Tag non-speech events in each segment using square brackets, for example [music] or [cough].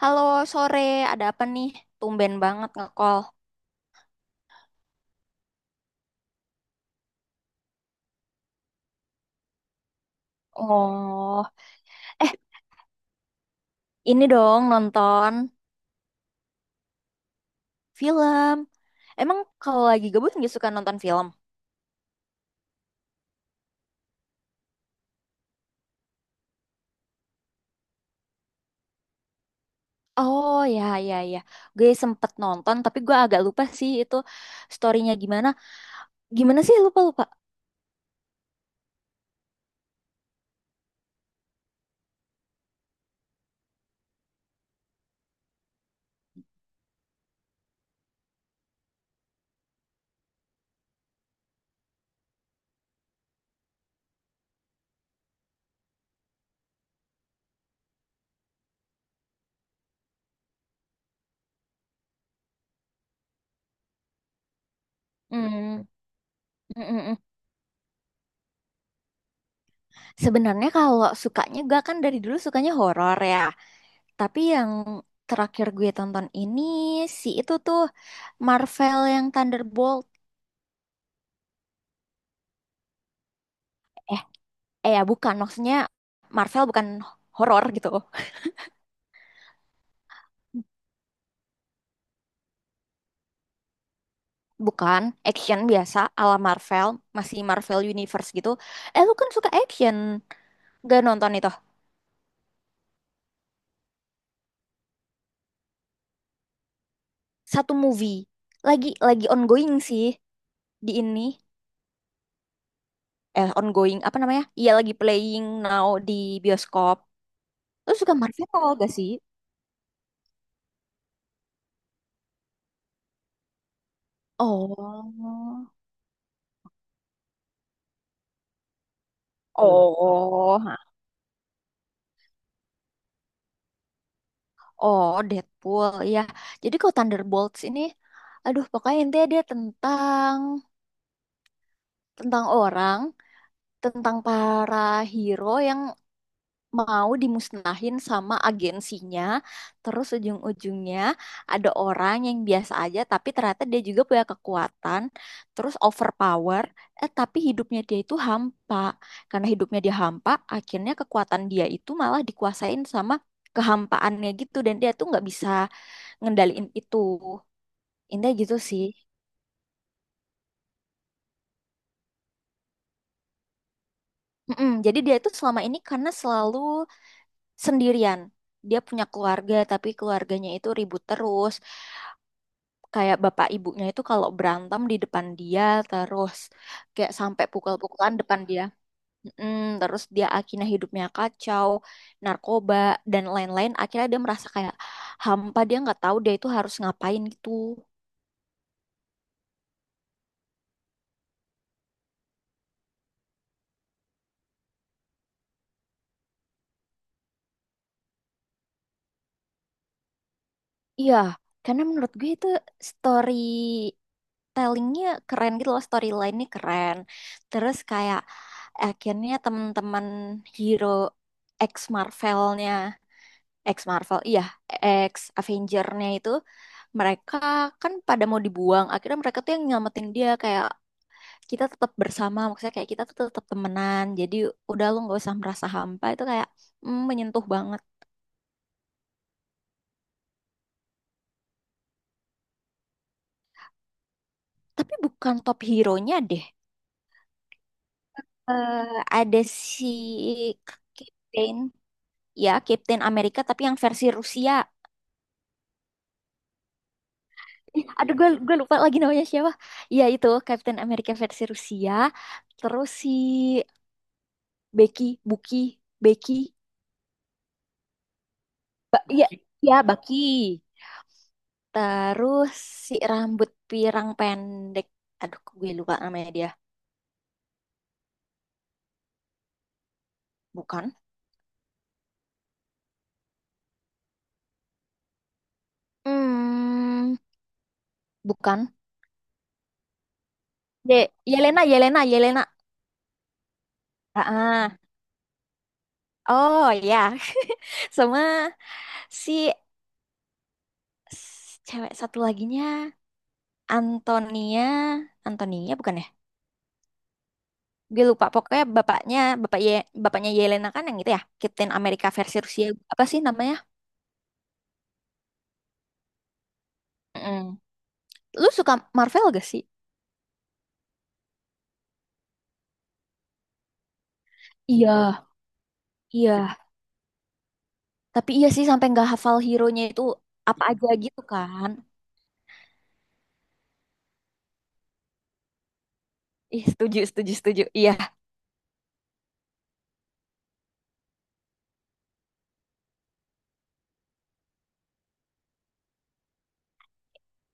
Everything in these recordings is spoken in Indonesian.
Halo, sore. Ada apa nih? Tumben banget nge-call. Oh, eh ini dong nonton film. Emang kalau lagi gabut nggak suka nonton film? Oh ya ya ya, gue sempet nonton tapi gue agak lupa sih itu storynya gimana. Gimana sih, lupa lupa. Hmm. mm, mm, mm. Sebenarnya kalau sukanya gue kan dari dulu sukanya horor ya. Tapi yang terakhir gue tonton ini si itu tuh Marvel yang Thunderbolt. Eh, eh, ya bukan maksudnya Marvel bukan horor gitu. Bukan action biasa ala Marvel, masih Marvel Universe gitu. Eh, lu kan suka action, gak nonton itu? Satu movie, lagi ongoing sih di ini. Eh, ongoing apa namanya, iya lagi playing now di bioskop. Lu suka Marvel gak sih? Oh. Oh, oh, Deadpool ya. Jadi kalau Thunderbolts ini, aduh pokoknya intinya dia tentang, tentang orang tentang para hero yang mau dimusnahin sama agensinya. Terus ujung-ujungnya ada orang yang biasa aja tapi ternyata dia juga punya kekuatan, terus overpower, eh tapi hidupnya dia itu hampa. Karena hidupnya dia hampa, akhirnya kekuatan dia itu malah dikuasain sama kehampaannya gitu, dan dia tuh nggak bisa ngendaliin itu. Indah gitu sih. Mm-mm. Jadi dia itu selama ini karena selalu sendirian. Dia punya keluarga, tapi keluarganya itu ribut terus. Kayak bapak ibunya itu kalau berantem di depan dia terus. Kayak sampai pukul-pukulan depan dia. Mm, terus dia akhirnya hidupnya kacau, narkoba, dan lain-lain. Akhirnya dia merasa kayak hampa, dia nggak tahu dia itu harus ngapain gitu. Iya, karena menurut gue itu story tellingnya keren gitu loh, storyline-nya keren. Terus kayak akhirnya teman-teman hero ex Marvelnya, ex Marvel, iya, ex Avengernya itu, mereka kan pada mau dibuang. Akhirnya mereka tuh yang nyelamatin dia, kayak kita tetap bersama, maksudnya kayak kita tuh tetap temenan, jadi udah lu nggak usah merasa hampa, itu kayak menyentuh banget. Tapi bukan top hero-nya deh. Eh, ada si Kate Bane. Ya, Captain America tapi yang versi Rusia. Ih, aduh, gue lupa lagi namanya siapa. Ya itu Captain America versi Rusia. Terus si Becky, Bucky, Becky, ya, ya Bucky. Terus si rambut pirang pendek, aduh kok gue lupa namanya dia. Bukan. Hmm, bukan. Ye Yelena, Yelena, Yelena. Ah, ah. Oh ya. [laughs] Sama si cewek satu laginya, Antonia, Antonia bukan ya? Gue lupa. Pokoknya bapaknya, bapak bapaknya Yelena kan yang gitu ya, Captain America versi Rusia. Apa sih namanya? Mm. Lu suka Marvel gak sih? Iya, iya. Tapi iya sih sampai nggak hafal hero-nya itu apa aja gitu kan? Ih, setuju, setuju, setuju. Iya.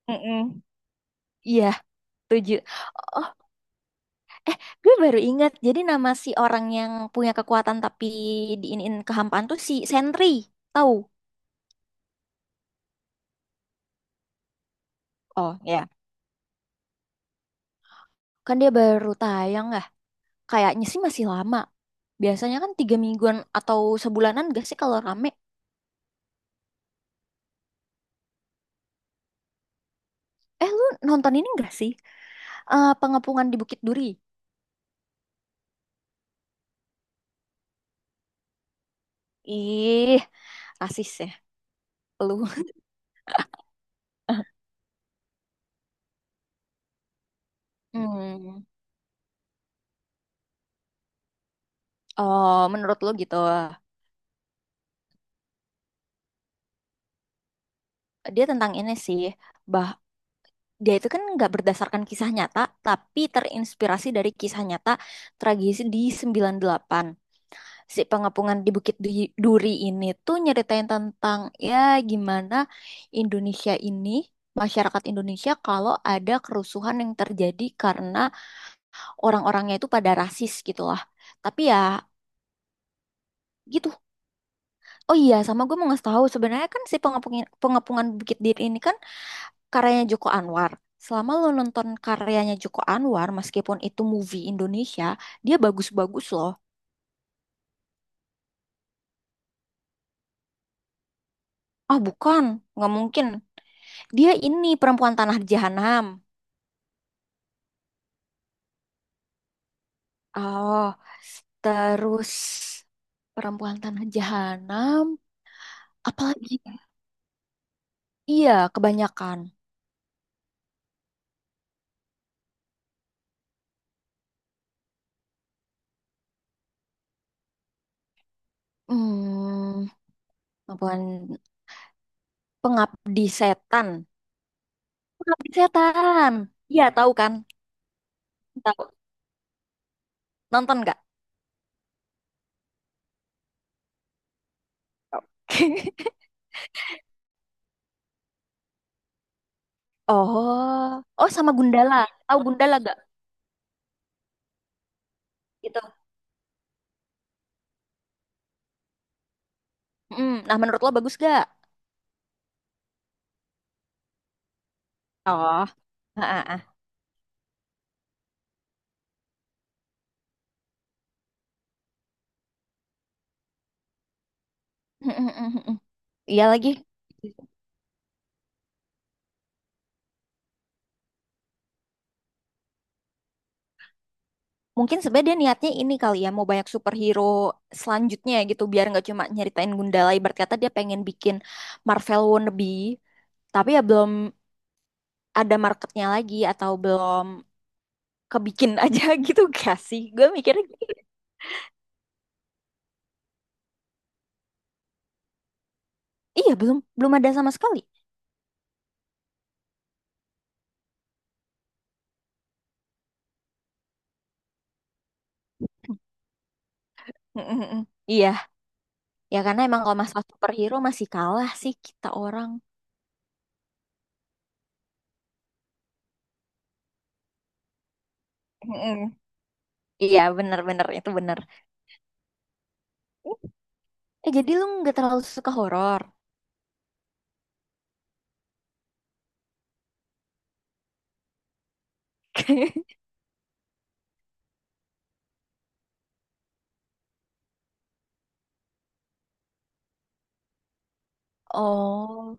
Mm-mm. Iya, setuju. Oh, eh, gue baru ingat. Jadi nama si orang yang punya kekuatan tapi diinin kehampaan tuh si Sentry. Tahu? Oh, ya. Kan dia baru tayang ya. Kayaknya sih masih lama. Biasanya kan 3 mingguan atau sebulanan gak sih kalau rame? Eh, lu nonton ini gak sih? Eh, Pengepungan di Bukit Duri. Ih, rasis ya. Lu. [laughs] Hmm. Oh, menurut lo gitu. Dia tentang ini sih, bah, dia itu kan nggak berdasarkan kisah nyata, tapi terinspirasi dari kisah nyata, tragedi di 98. Si Pengapungan di Bukit Duri ini tuh nyeritain tentang ya gimana Indonesia ini, masyarakat Indonesia kalau ada kerusuhan yang terjadi karena orang-orangnya itu pada rasis gitu lah. Tapi ya gitu. Oh iya, sama gue mau ngasih tahu sebenarnya kan si pengapungan pengapungan Bukit Duri ini kan karyanya Joko Anwar. Selama lo nonton karyanya Joko Anwar, meskipun itu movie Indonesia, dia bagus-bagus loh. Ah bukan, nggak mungkin. Dia ini Perempuan Tanah Jahanam. Oh, terus Perempuan Tanah Jahanam, apalagi? Iya, kebanyakan. Hmm, Perempuan, Pengabdi Setan. Pengabdi Setan. Iya, tahu kan? Tahu. Nonton nggak? Tahu. [laughs] Oh, sama Gundala. Tahu Gundala gak? Gitu. Mm. Nah, menurut lo bagus gak? Oh, ah, ah, ah. Mm, mm, mm, mm. [laughs] Iya lagi. Mungkin sebenarnya dia niatnya ini kali ya, mau banyak superhero selanjutnya gitu, biar nggak cuma nyeritain Gundala. Ibarat kata dia pengen bikin Marvel wannabe, tapi ya belum ada marketnya lagi atau belum kebikin aja [laughs] gitu gak sih? Gue mikirnya gitu. Iya, belum belum ada sama sekali. Mm-mm-mm. Iya, ya karena emang kalau masalah superhero masih kalah sih kita orang. Mm-mm. Iya, bener-bener itu bener. Eh, jadi lu nggak terlalu suka horor? [laughs] Oh.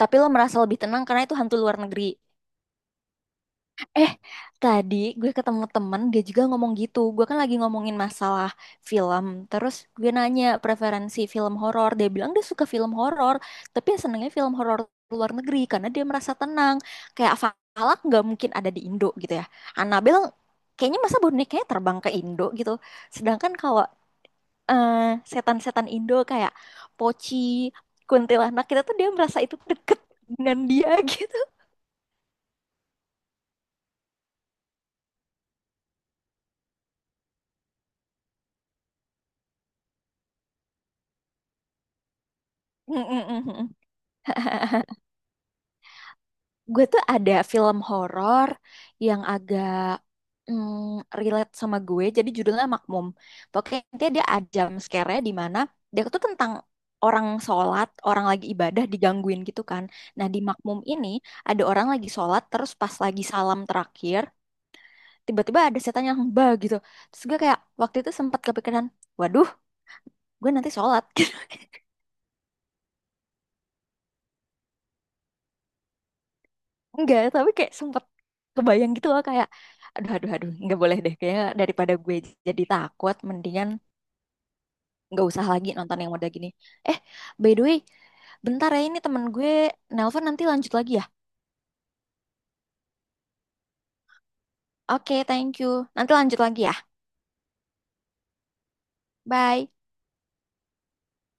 Tapi lo merasa lebih tenang karena itu hantu luar negeri. Eh, tadi gue ketemu temen, dia juga ngomong gitu. Gue kan lagi ngomongin masalah film. Terus gue nanya preferensi film horor. Dia bilang dia suka film horor, tapi yang senengnya film horor luar negeri karena dia merasa tenang. Kayak Valak nggak mungkin ada di Indo gitu ya. Annabelle kayaknya masa bonekanya terbang ke Indo gitu. Sedangkan kalau eh, setan-setan Indo kayak Pochi, Kuntilanak, kita tuh dia merasa itu deket dengan dia [laughs] gitu. Mm, mm, mm, mm. [laughs] Gue tuh ada film horor yang agak mm, relate sama gue, jadi judulnya Makmum. Pokoknya intinya dia ada jump scare-nya di mana dia tuh tentang orang sholat, orang lagi ibadah digangguin gitu kan. Nah di Makmum ini ada orang lagi sholat, terus pas lagi salam terakhir, tiba-tiba ada setan yang bah gitu. Terus gue kayak waktu itu sempat kepikiran, waduh, gue nanti sholat. [laughs] Enggak, tapi kayak sempet kebayang gitu loh kayak aduh aduh aduh nggak boleh deh kayaknya, daripada gue jadi takut mendingan nggak usah lagi nonton yang udah gini. Eh, by the way, bentar ya, ini temen gue nelpon nanti lanjut lagi ya. Oke, thank you. Nanti lanjut lagi ya. Bye.